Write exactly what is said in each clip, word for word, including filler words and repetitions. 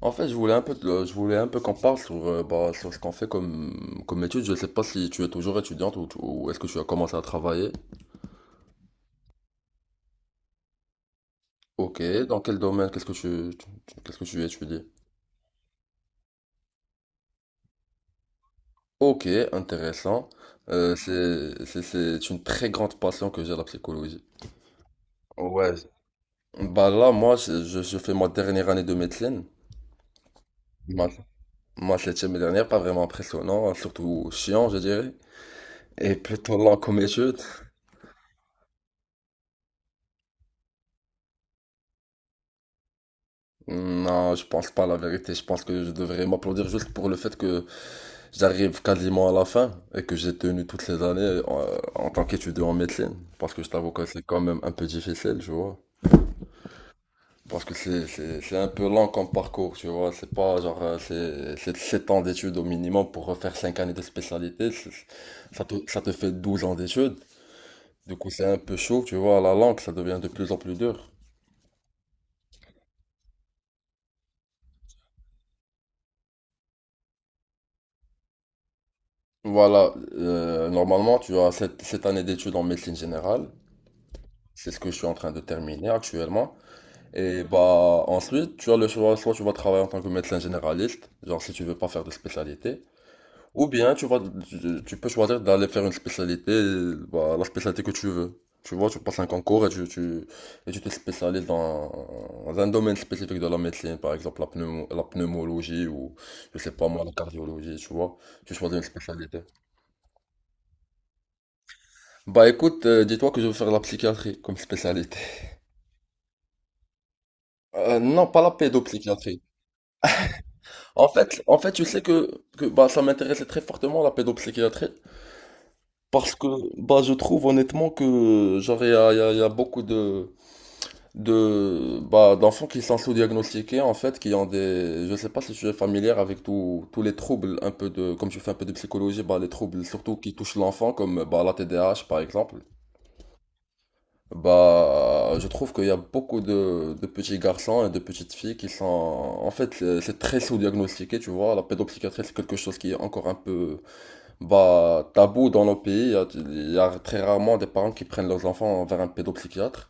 En fait, je voulais un peu, te- je voulais un peu qu'on parle sur, euh, bah, sur ce qu'on fait comme, comme études. Je sais pas si tu es toujours étudiante ou, tu- ou est-ce que tu as commencé à travailler. Ok, dans quel domaine, qu'est-ce que tu, tu- tu- qu'est-ce que tu étudies? Ok, intéressant. Euh, c'est, c'est, c'est une très grande passion que j'ai, la psychologie. Ouais. Bah là, moi, je, je- je fais ma dernière année de médecine. Ma, ma septième et dernière, pas vraiment impressionnant, surtout chiant, je dirais. Et plutôt lent comme étude. Non, je pense pas à la vérité. Je pense que je devrais m'applaudir juste pour le fait que j'arrive quasiment à la fin et que j'ai tenu toutes ces années en, en tant qu'étudiant en médecine. Parce que je t'avoue que c'est quand même un peu difficile, tu vois. Parce que c'est, c'est, c'est un peu lent comme parcours, tu vois. C'est pas genre, euh, c'est, c'est sept ans d'études au minimum pour refaire cinq années de spécialité. C'est- Ça te, ça te fait douze ans d'études. Du coup, c'est un peu chaud, tu vois. La langue, ça devient de plus en plus dur. Voilà, euh, normalement, tu as cette, cette année d'études en médecine générale. C'est ce que je suis en train de terminer actuellement. Et bah ensuite, tu as le choix, soit tu vas travailler en tant que médecin généraliste, genre si tu veux pas faire de spécialité, ou bien tu vas tu, tu peux choisir d'aller faire une spécialité, bah, la spécialité que tu veux. Tu vois, tu passes un concours et tu, tu, et tu te spécialises dans, dans un domaine spécifique de la médecine, par exemple la pneumo- la pneumologie ou je sais pas moi, la cardiologie, tu vois. Tu choisis une spécialité. Bah écoute, euh, dis-toi que je veux faire la psychiatrie comme spécialité. Euh, non, pas la pédopsychiatrie. En fait, en fait, je sais que, que bah, ça m'intéressait très fortement la pédopsychiatrie parce que bah, je trouve honnêtement que genre il y a, il y a- il y a beaucoup de de bah, d'enfants qui sont sous-diagnostiqués en fait, qui ont des, je sais pas si tu es familière avec tous tous les troubles un peu de, comme je fais un peu de psychologie, bah les troubles surtout qui touchent l'enfant comme bah la T D A H par exemple. Bah, je trouve qu'il y a beaucoup de, de petits garçons et de petites filles qui sont... En fait, c'est c'est très sous-diagnostiqué, tu vois. La pédopsychiatrie, c'est quelque chose qui est encore un peu bah, tabou dans nos pays. Il y a, il y a très rarement des parents qui prennent leurs enfants vers un pédopsychiatre.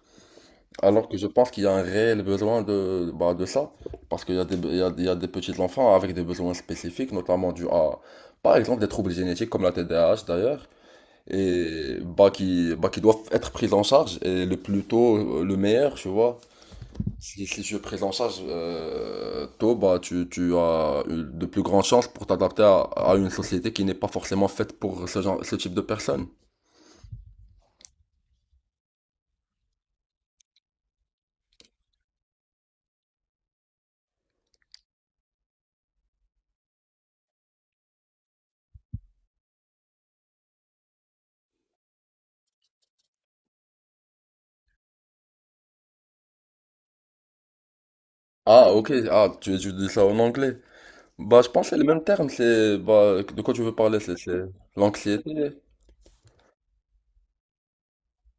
Alors que je pense qu'il y a un réel besoin de, bah, de ça. Parce qu'il y a des, il y a, il y a des petits enfants avec des besoins spécifiques, notamment dû à, par exemple, des troubles génétiques comme la T D A H d'ailleurs et bah qui bah qui doivent être prises en charge et le plus tôt euh, le meilleur tu vois si si tu es prise en charge euh, tôt bah tu tu as une- de plus grandes chances pour t'adapter à, à une société qui n'est pas forcément faite pour ce genre ce type de personnes. Ah, ok, ah, tu tu dis ça en anglais? Bah, je pense que c'est le même terme, c'est bah de quoi tu veux parler, c'est c'est l'anxiété.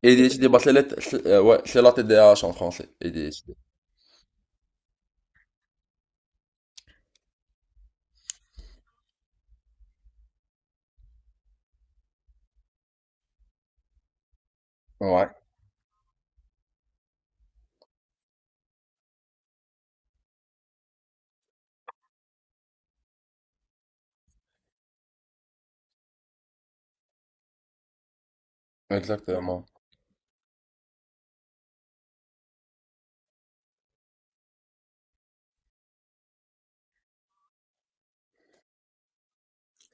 A D H D, bah, c'est la- c'est- euh, ouais, c'est la T D A H en français. A D H D. Ouais, exactement.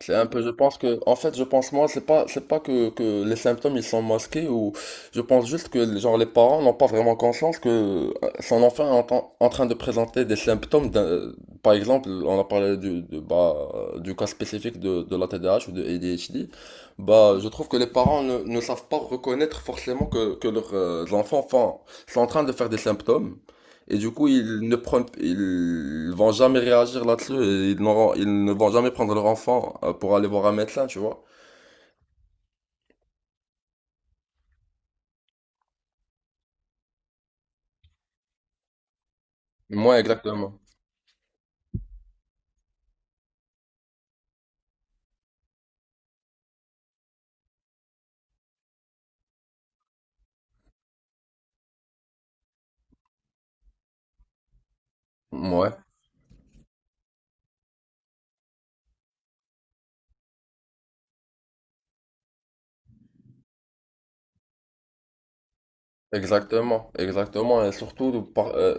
C'est un peu, je pense que, en fait, je pense moi, c'est pas, c'est pas que, que les symptômes ils sont masqués ou, je pense juste que, genre, les parents n'ont pas vraiment conscience que euh, son enfant est en, tra- en train de présenter des symptômes, d'un- par exemple, on a parlé du, de- bah, euh, du cas spécifique de, de la T D A H ou de A D H D, bah, je trouve que les parents ne, ne savent pas reconnaître forcément que, que leurs euh, enfants font- sont en train de faire des symptômes. Et du coup, ils ne prennent, ils vont jamais réagir là-dessus, et ils n'auront- ils ne vont jamais prendre leur enfant euh, pour aller voir un médecin, tu vois. Moi, exactement. Ouais, exactement, exactement. Et surtout, par- euh,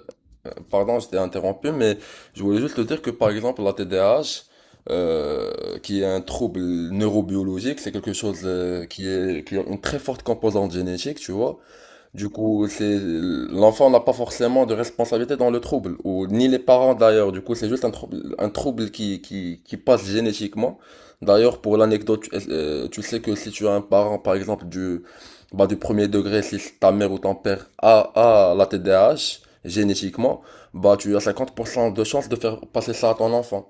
euh, pardon, je t'ai interrompu, mais je voulais juste te dire que, par exemple, la T D A H, euh, qui est un trouble neurobiologique, c'est quelque chose euh, qui est, qui a une très forte composante génétique, tu vois. Du coup, c'est l'enfant n'a pas forcément de responsabilité dans le trouble, ou ni les parents d'ailleurs. Du coup, c'est juste un trouble, un trouble qui, qui, qui passe génétiquement. D'ailleurs, pour l'anecdote, tu euh, tu sais que si tu as un parent, par exemple, du, bah, du premier degré, si ta mère ou ton père a, a la T D A H, génétiquement, bah, tu as cinquante pour cent de chances de faire passer ça à ton enfant.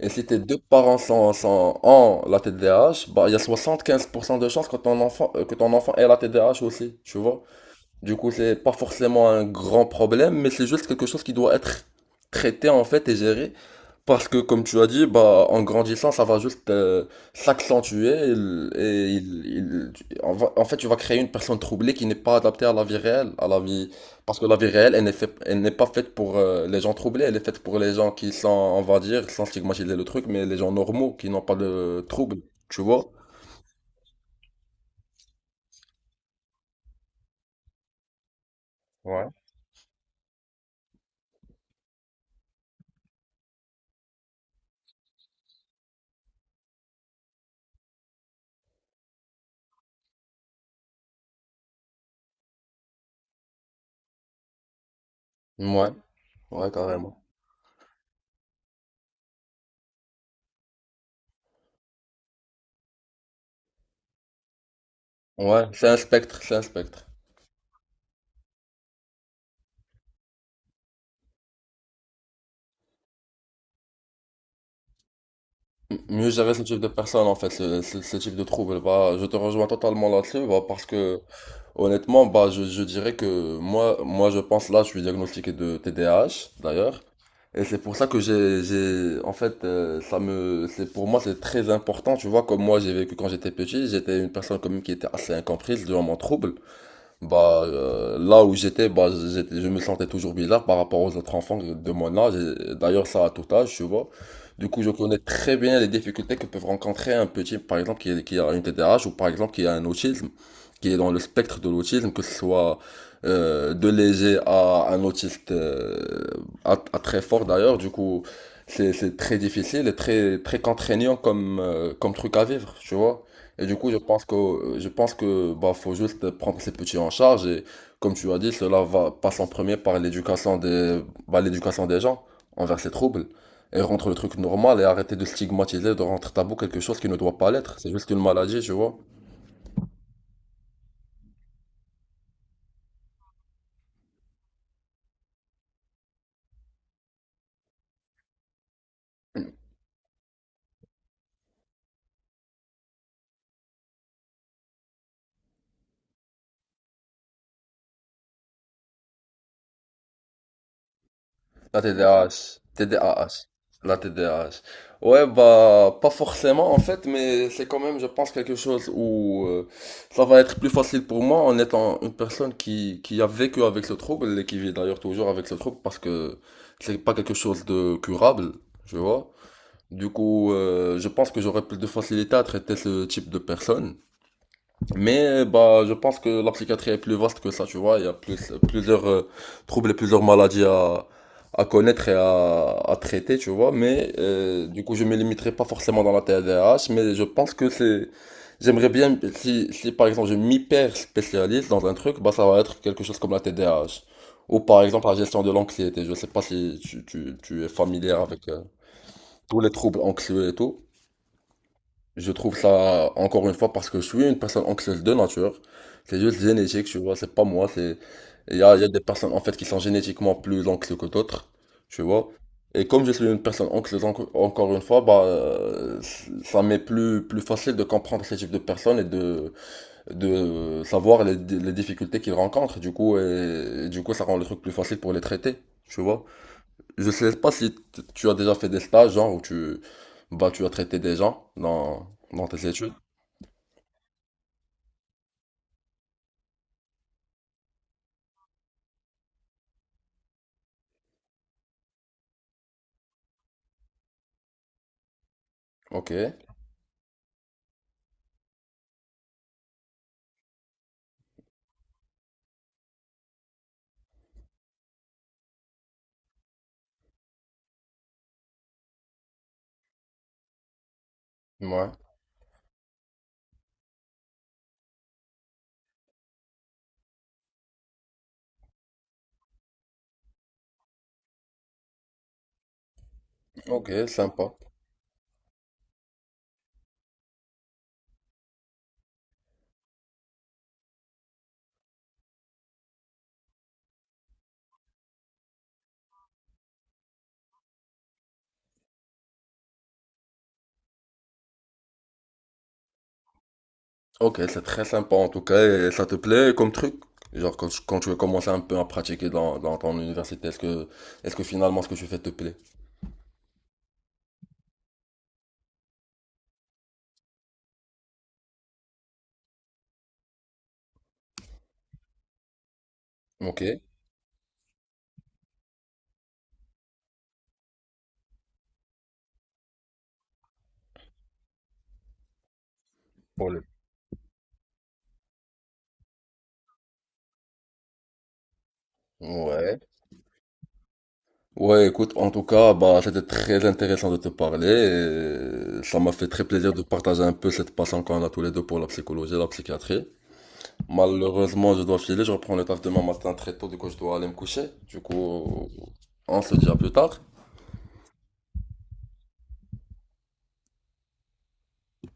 Et si tes deux parents sont, sont en la T D A H, bah, il y a soixante-quinze pour cent de chances que ton enfant, euh, que ton enfant ait la T D A H aussi, tu vois. Du coup, c'est pas forcément un grand problème, mais c'est juste quelque chose qui doit être traité en fait et géré. Parce que comme tu as dit, bah en grandissant, ça va juste euh, s'accentuer et, il- et il- il- tu- en va- en fait, tu vas créer une personne troublée qui n'est pas adaptée à la vie réelle, à la vie parce que la vie réelle, elle n'est fait- elle n'est pas faite pour euh, les gens troublés, elle est faite pour les gens qui sont, on va dire, sans stigmatiser le truc, mais les gens normaux qui n'ont pas de trouble, tu vois? Ouais, ouais, carrément. Ouais, c'est un spectre, c'est un spectre. Mieux gérer ce type de personnes en fait, ce, ce- ce type de trouble. Bah, je te rejoins totalement là-dessus, bah, parce que honnêtement, bah, je, je dirais que moi, moi, je pense là, je suis diagnostiqué de T D A H d'ailleurs, et c'est pour ça que j'ai, j'ai, en fait, euh, ça me, c'est pour moi, c'est très important. Tu vois, comme moi, j'ai vécu quand j'étais petit, j'étais une personne comme qui était assez incomprise durant mon trouble. Bah, euh, là où j'étais, bah, j'étais, je me sentais toujours bizarre par rapport aux autres enfants de mon âge. Et d'ailleurs, ça à tout âge, tu vois. Du coup, je connais très bien les difficultés que peuvent rencontrer un petit, par exemple, qui, est- qui a une T D A H ou par exemple qui a un autisme, qui est dans le spectre de l'autisme, que ce soit euh, de léger à un autiste euh, à, à très fort d'ailleurs. Du coup, c'est, c'est très difficile et très, très contraignant comme, euh, comme truc à vivre, tu vois. Et du coup, je pense que je pense que bah faut juste prendre ces petits en charge et comme tu as dit, cela va passe en premier par l'éducation des bah, l'éducation des gens envers ces troubles et rendre le truc normal et arrêter de stigmatiser, de rendre tabou quelque chose qui ne doit pas l'être. C'est juste une maladie, tu vois. La T D A H. T D A H. La T D A H. Ouais, bah, pas forcément en fait, mais c'est quand même, je pense, quelque chose où euh, ça va être plus facile pour moi en étant une personne qui, qui a vécu avec ce trouble et qui vit d'ailleurs toujours avec ce trouble parce que c'est pas quelque chose de curable, je vois. Du coup, euh, je pense que j'aurais plus de facilité à traiter ce type de personne. Mais euh, bah, je pense que la psychiatrie est plus vaste que ça, tu vois. Il y a plus, plusieurs euh, troubles et plusieurs maladies à, à connaître et à, à traiter, tu vois. Mais euh, du coup, je me limiterai pas forcément dans la T D A H, mais je pense que c'est... J'aimerais bien, si, si par exemple je m'hyper spécialise dans un truc, bah ça va être quelque chose comme la T D A H. Ou par exemple la gestion de l'anxiété. Je sais pas si tu, tu, tu es familier avec euh, tous les troubles anxieux et tout. Je trouve ça, encore une fois, parce que je suis une personne anxieuse de nature. C'est juste génétique, tu vois, c'est pas moi, c'est... Il y a, il y a des personnes, en fait, qui sont génétiquement plus anxieuses que d'autres, tu vois. Et comme je suis une personne anxieuse, enco- encore une fois, bah, euh, ça m'est plus, plus facile de comprendre ce type de personnes et de, de savoir les, les difficultés qu'ils rencontrent, du coup, et, et du coup, ça rend le truc plus facile pour les traiter, tu vois. Je sais pas si t- tu as déjà fait des stages, genre, où tu, bah, tu as traité des gens dans, dans tes études. Ok, ouais, ok, sympa. Ok, c'est très sympa en tout cas, et ça te plaît comme truc? Genre, quand, tu- quand tu as commencé un peu à pratiquer dans, dans ton université, est-ce que, est-ce que finalement ce que tu fais te plaît? Ok. Pour le- Ouais. Ouais, écoute, en tout cas, bah, c'était très intéressant de te parler et ça m'a fait très plaisir de partager un peu cette passion qu'on a tous les deux pour la psychologie et la psychiatrie. Malheureusement, je dois filer, je reprends le taf demain matin très tôt, du coup je dois aller me coucher. Du coup, on se dit à plus tard.